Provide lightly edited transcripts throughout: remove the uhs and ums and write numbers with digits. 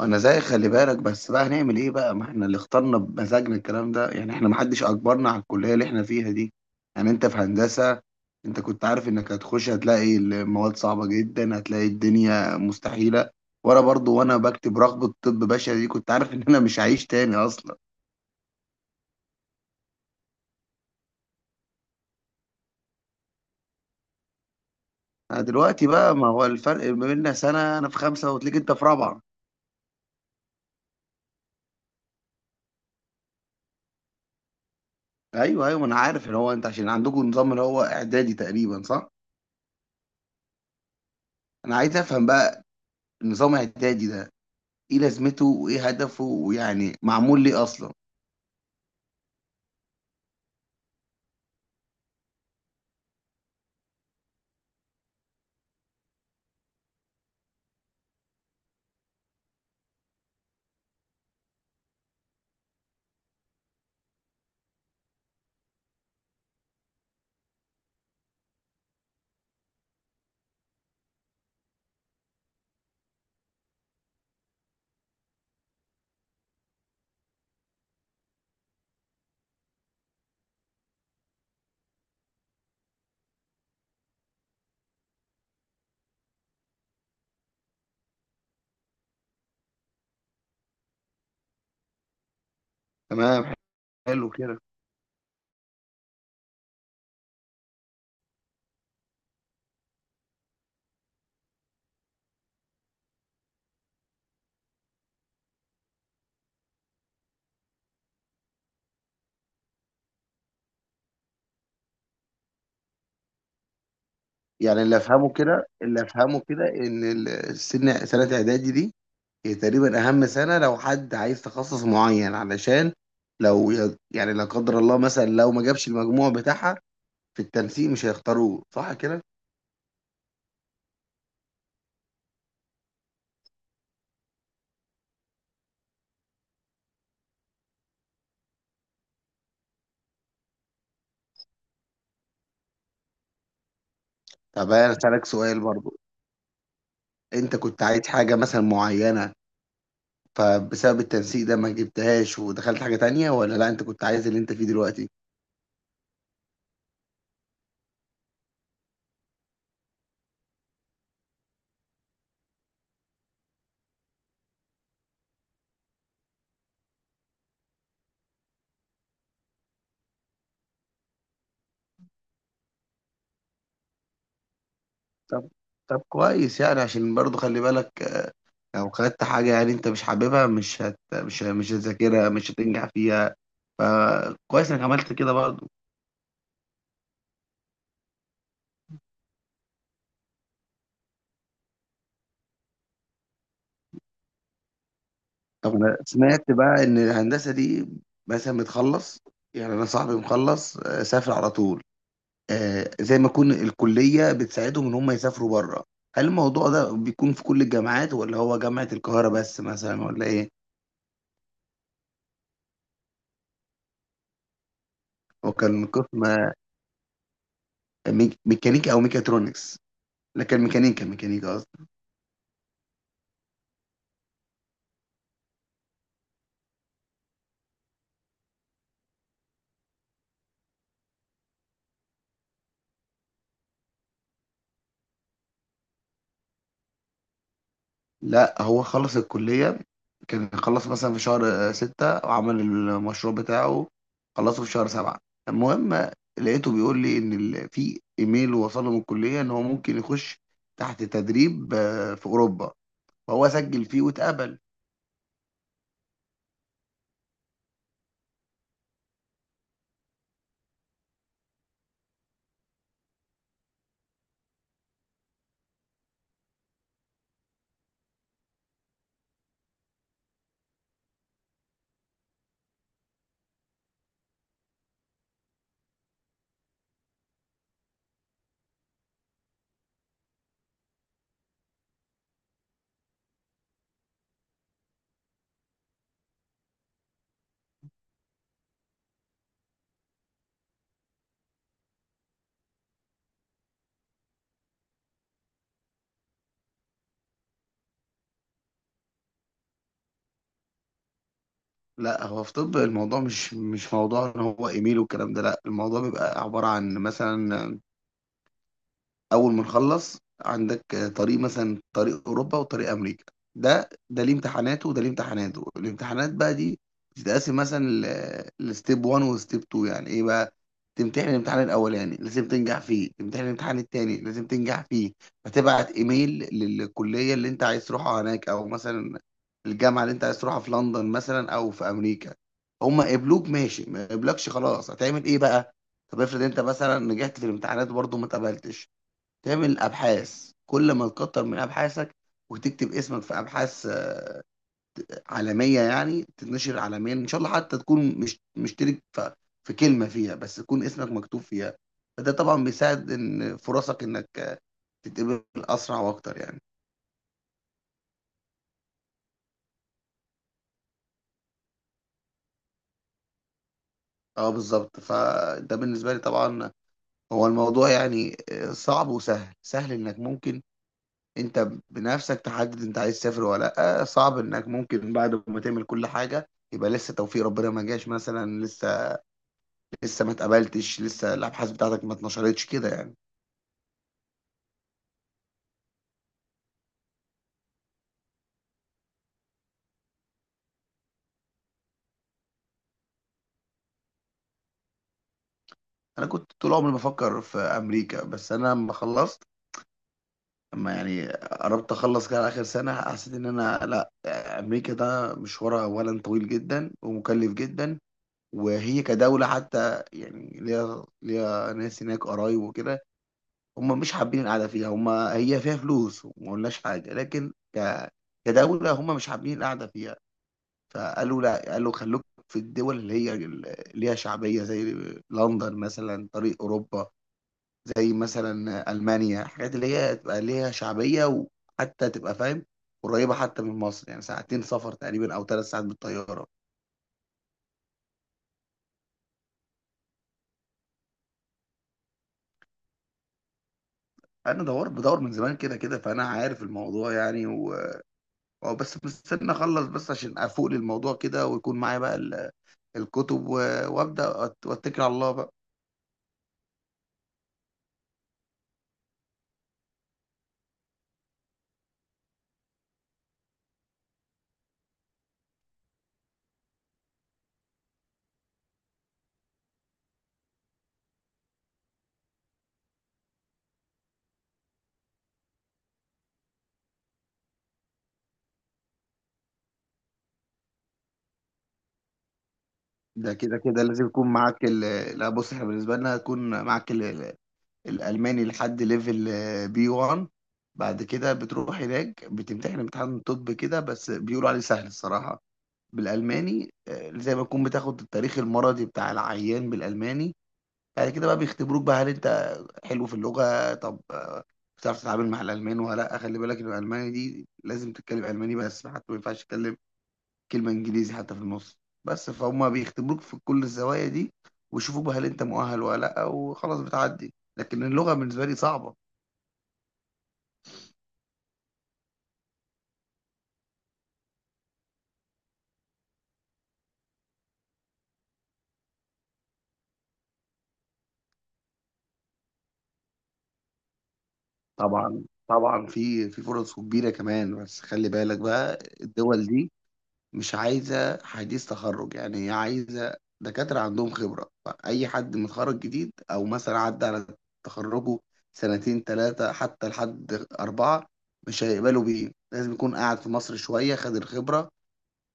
انا زي خلي بالك، بس بقى هنعمل ايه بقى؟ ما احنا اللي اخترنا بمزاجنا الكلام ده، يعني احنا محدش اجبرنا على الكلية اللي احنا فيها دي. يعني انت في هندسة، انت كنت عارف انك هتخش هتلاقي المواد صعبة جدا، هتلاقي الدنيا مستحيلة. وانا بكتب رغبة طب بشري دي كنت عارف ان انا مش هعيش تاني اصلا. انا دلوقتي بقى، ما هو الفرق ما بيننا سنة، انا في خمسة وتلاقيك انت في رابعة. ايوه ايوه، ما انا عارف ان هو انت عشان عندكم نظام اللي هو اعدادي تقريبا، صح؟ انا عايز افهم بقى نظام اعدادي ده، ايه لازمته وايه هدفه ويعني معمول ليه اصلا؟ تمام، حلو كده. يعني اللي افهمه كده ان ال- السن سنه اعدادي دي هي تقريبا اهم سنه لو حد عايز تخصص معين، علشان لو يعني لا قدر الله مثلا لو ما جابش المجموع بتاعها، في التنسيق مش هيختاروه، صح كده؟ طب انا اسالك سؤال برضو، انت كنت عايز حاجه مثلا معينه فبسبب التنسيق ده ما جبتهاش ودخلت حاجه تانية، ولا لا انت كنت عايز اللي انت فيه دلوقتي؟ طب طب كويس، يعني عشان برضو خلي بالك، لو خدت حاجة يعني انت مش حاببها مش هت مش مش هتذاكرها، مش هتنجح فيها، فكويس انك عملت كده برضو. طب انا سمعت بقى ان الهندسة دي مثلا بتخلص، يعني انا صاحبي مخلص سافر على طول، زي ما يكون الكلية بتساعدهم ان هم يسافروا بره. هل الموضوع ده بيكون في كل الجامعات ولا هو جامعة القاهرة بس مثلا ولا ايه؟ هو كان قسم ميكانيكا او ميكاترونكس، لكن ميكانيكا ميكانيكا. لا هو خلص الكلية، كان خلص مثلا في شهر ستة وعمل المشروع بتاعه، خلصه في شهر سبعة. المهم، لقيته بيقول لي إن في إيميل وصل له من الكلية إن هو ممكن يخش تحت تدريب في أوروبا، فهو سجل فيه واتقبل. لا هو في طب الموضوع مش موضوع إن هو إيميل والكلام ده، لا الموضوع بيبقى عبارة عن مثلا اول ما نخلص، عندك طريق مثلا طريق اوروبا وطريق امريكا، ده ليه امتحاناته وده ليه امتحاناته. الامتحانات بقى دي بتتقسم مثلا لستيب 1 وستيب 2، يعني ايه بقى؟ تمتحن الامتحان الاولاني لازم تنجح فيه، تمتحن الامتحان التاني لازم تنجح فيه. فتبعت ايميل للكليه اللي انت عايز تروحها هناك، او مثلا الجامعه اللي انت عايز تروحها في لندن مثلا او في امريكا. هما قبلوك ماشي، ما قبلكش خلاص، هتعمل ايه بقى؟ طب افرض انت مثلا نجحت في الامتحانات وبرضه ما اتقبلتش، تعمل أبحاث، كل ما تكتر من أبحاثك وتكتب اسمك في أبحاث عالمية، يعني تتنشر عالميا إن شاء الله، حتى تكون مش مشترك في كلمة فيها، بس يكون اسمك مكتوب فيها، فده طبعا بيساعد إن فرصك إنك تتقبل أسرع وأكتر يعني. أه بالظبط. فده بالنسبة لي طبعا، هو الموضوع يعني صعب وسهل. سهل إنك ممكن أنت بنفسك تحدد أنت عايز تسافر ولا لأ، صعب إنك ممكن بعد ما تعمل كل حاجة يبقى لسه توفيق ربنا ما جاش، مثلا لسه ما اتقبلتش، لسه الابحاث بتاعتك ما اتنشرتش كده يعني. انا كنت طول عمري بفكر في امريكا، بس انا لما خلصت، لما يعني قربت اخلص كده على اخر سنه، حسيت ان انا لا، امريكا ده مشوارها اولا طويل جدا ومكلف جدا، وهي كدوله حتى يعني ليها ناس هناك قرايب وكده، هم مش حابين القعده فيها. هم هي فيها فلوس وما قلناش حاجه، لكن كدوله هم مش حابين القعده فيها. فقالوا لا، قالوا خلوك في الدول اللي هي اللي ليها شعبية، زي لندن مثلا، طريق أوروبا، زي مثلا ألمانيا، حاجات اللي هي تبقى ليها شعبية وحتى تبقى فاهم قريبة حتى من مصر، يعني ساعتين سفر تقريبا أو 3 ساعات بالطيارة. أنا دور بدور من زمان كده كده، فأنا عارف الموضوع يعني أو بس مستني أخلص، بس عشان أفوق للموضوع كده ويكون معايا بقى الكتب وأبدأ وأتكل على الله بقى. ده كده كده لازم يكون معاك لا بص، احنا بالنسبة لنا يكون معاك الالماني لحد ليفل بي 1. بعد كده بتروح هناك بتمتحن امتحان طب كده، بس بيقولوا عليه سهل الصراحه، بالالماني زي ما تكون بتاخد التاريخ المرضي بتاع العيان بالالماني. بعد كده بقى بيختبروك بقى، هل انت حلو في اللغه؟ طب بتعرف تتعامل مع الالمان ولا لا؟ خلي بالك ان الالماني دي لازم تتكلم الماني بس، حتى ما ينفعش تتكلم كلمة انجليزي حتى في النص، بس فهم بيختبروك في كل الزوايا دي، ويشوفوك بقى هل انت مؤهل ولا لا، وخلاص بتعدي. لكن اللغة بالنسبة لي صعبة. طبعا طبعا، في فرص كبيرة كمان، بس خلي بالك بقى الدول دي مش عايزة حديث تخرج، يعني هي عايزة دكاترة عندهم خبرة، فأي حد متخرج جديد أو مثلا عدى على تخرجه سنتين ثلاثة حتى لحد أربعة مش هيقبلوا بيه، لازم يكون قاعد في مصر شوية خد الخبرة.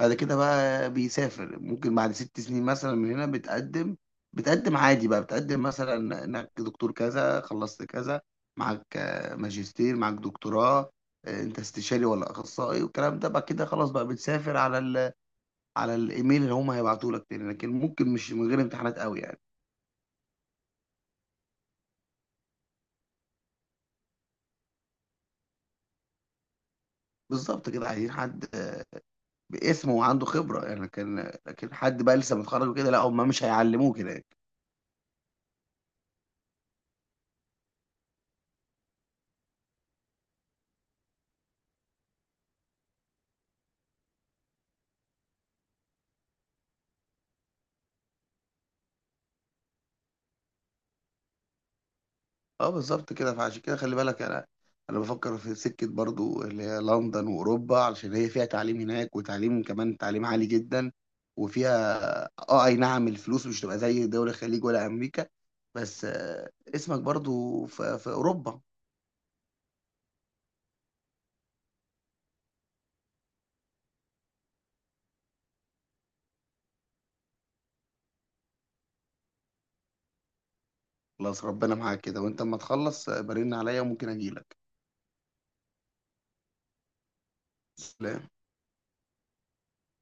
بعد كده بقى بيسافر، ممكن بعد 6 سنين مثلا من هنا بتقدم عادي بقى، بتقدم مثلا انك دكتور كذا، خلصت كذا، معاك ماجستير، معاك دكتوراه، انت استشاري ولا اخصائي، والكلام ده بقى كده خلاص بقى بتسافر على على الايميل اللي هم هيبعتوا لك تاني، لكن ممكن مش من غير امتحانات قوي يعني. بالظبط كده، عايزين حد باسمه وعنده خبرة يعني، كان لكن حد بقى لسه متخرج وكده لا، هم مش هيعلموه كده. اه بالظبط كده، فعشان كده خلي بالك، انا بفكر في سكه برضو اللي هي لندن واوروبا، علشان هي فيها تعليم هناك، وتعليم كمان تعليم عالي جدا، وفيها اه اي نعم، الفلوس مش تبقى زي دول الخليج ولا امريكا، بس اسمك برضو في اوروبا. خلاص، ربنا معاك كده، وانت اما تخلص برن عليا وممكن اجيلك. سلام.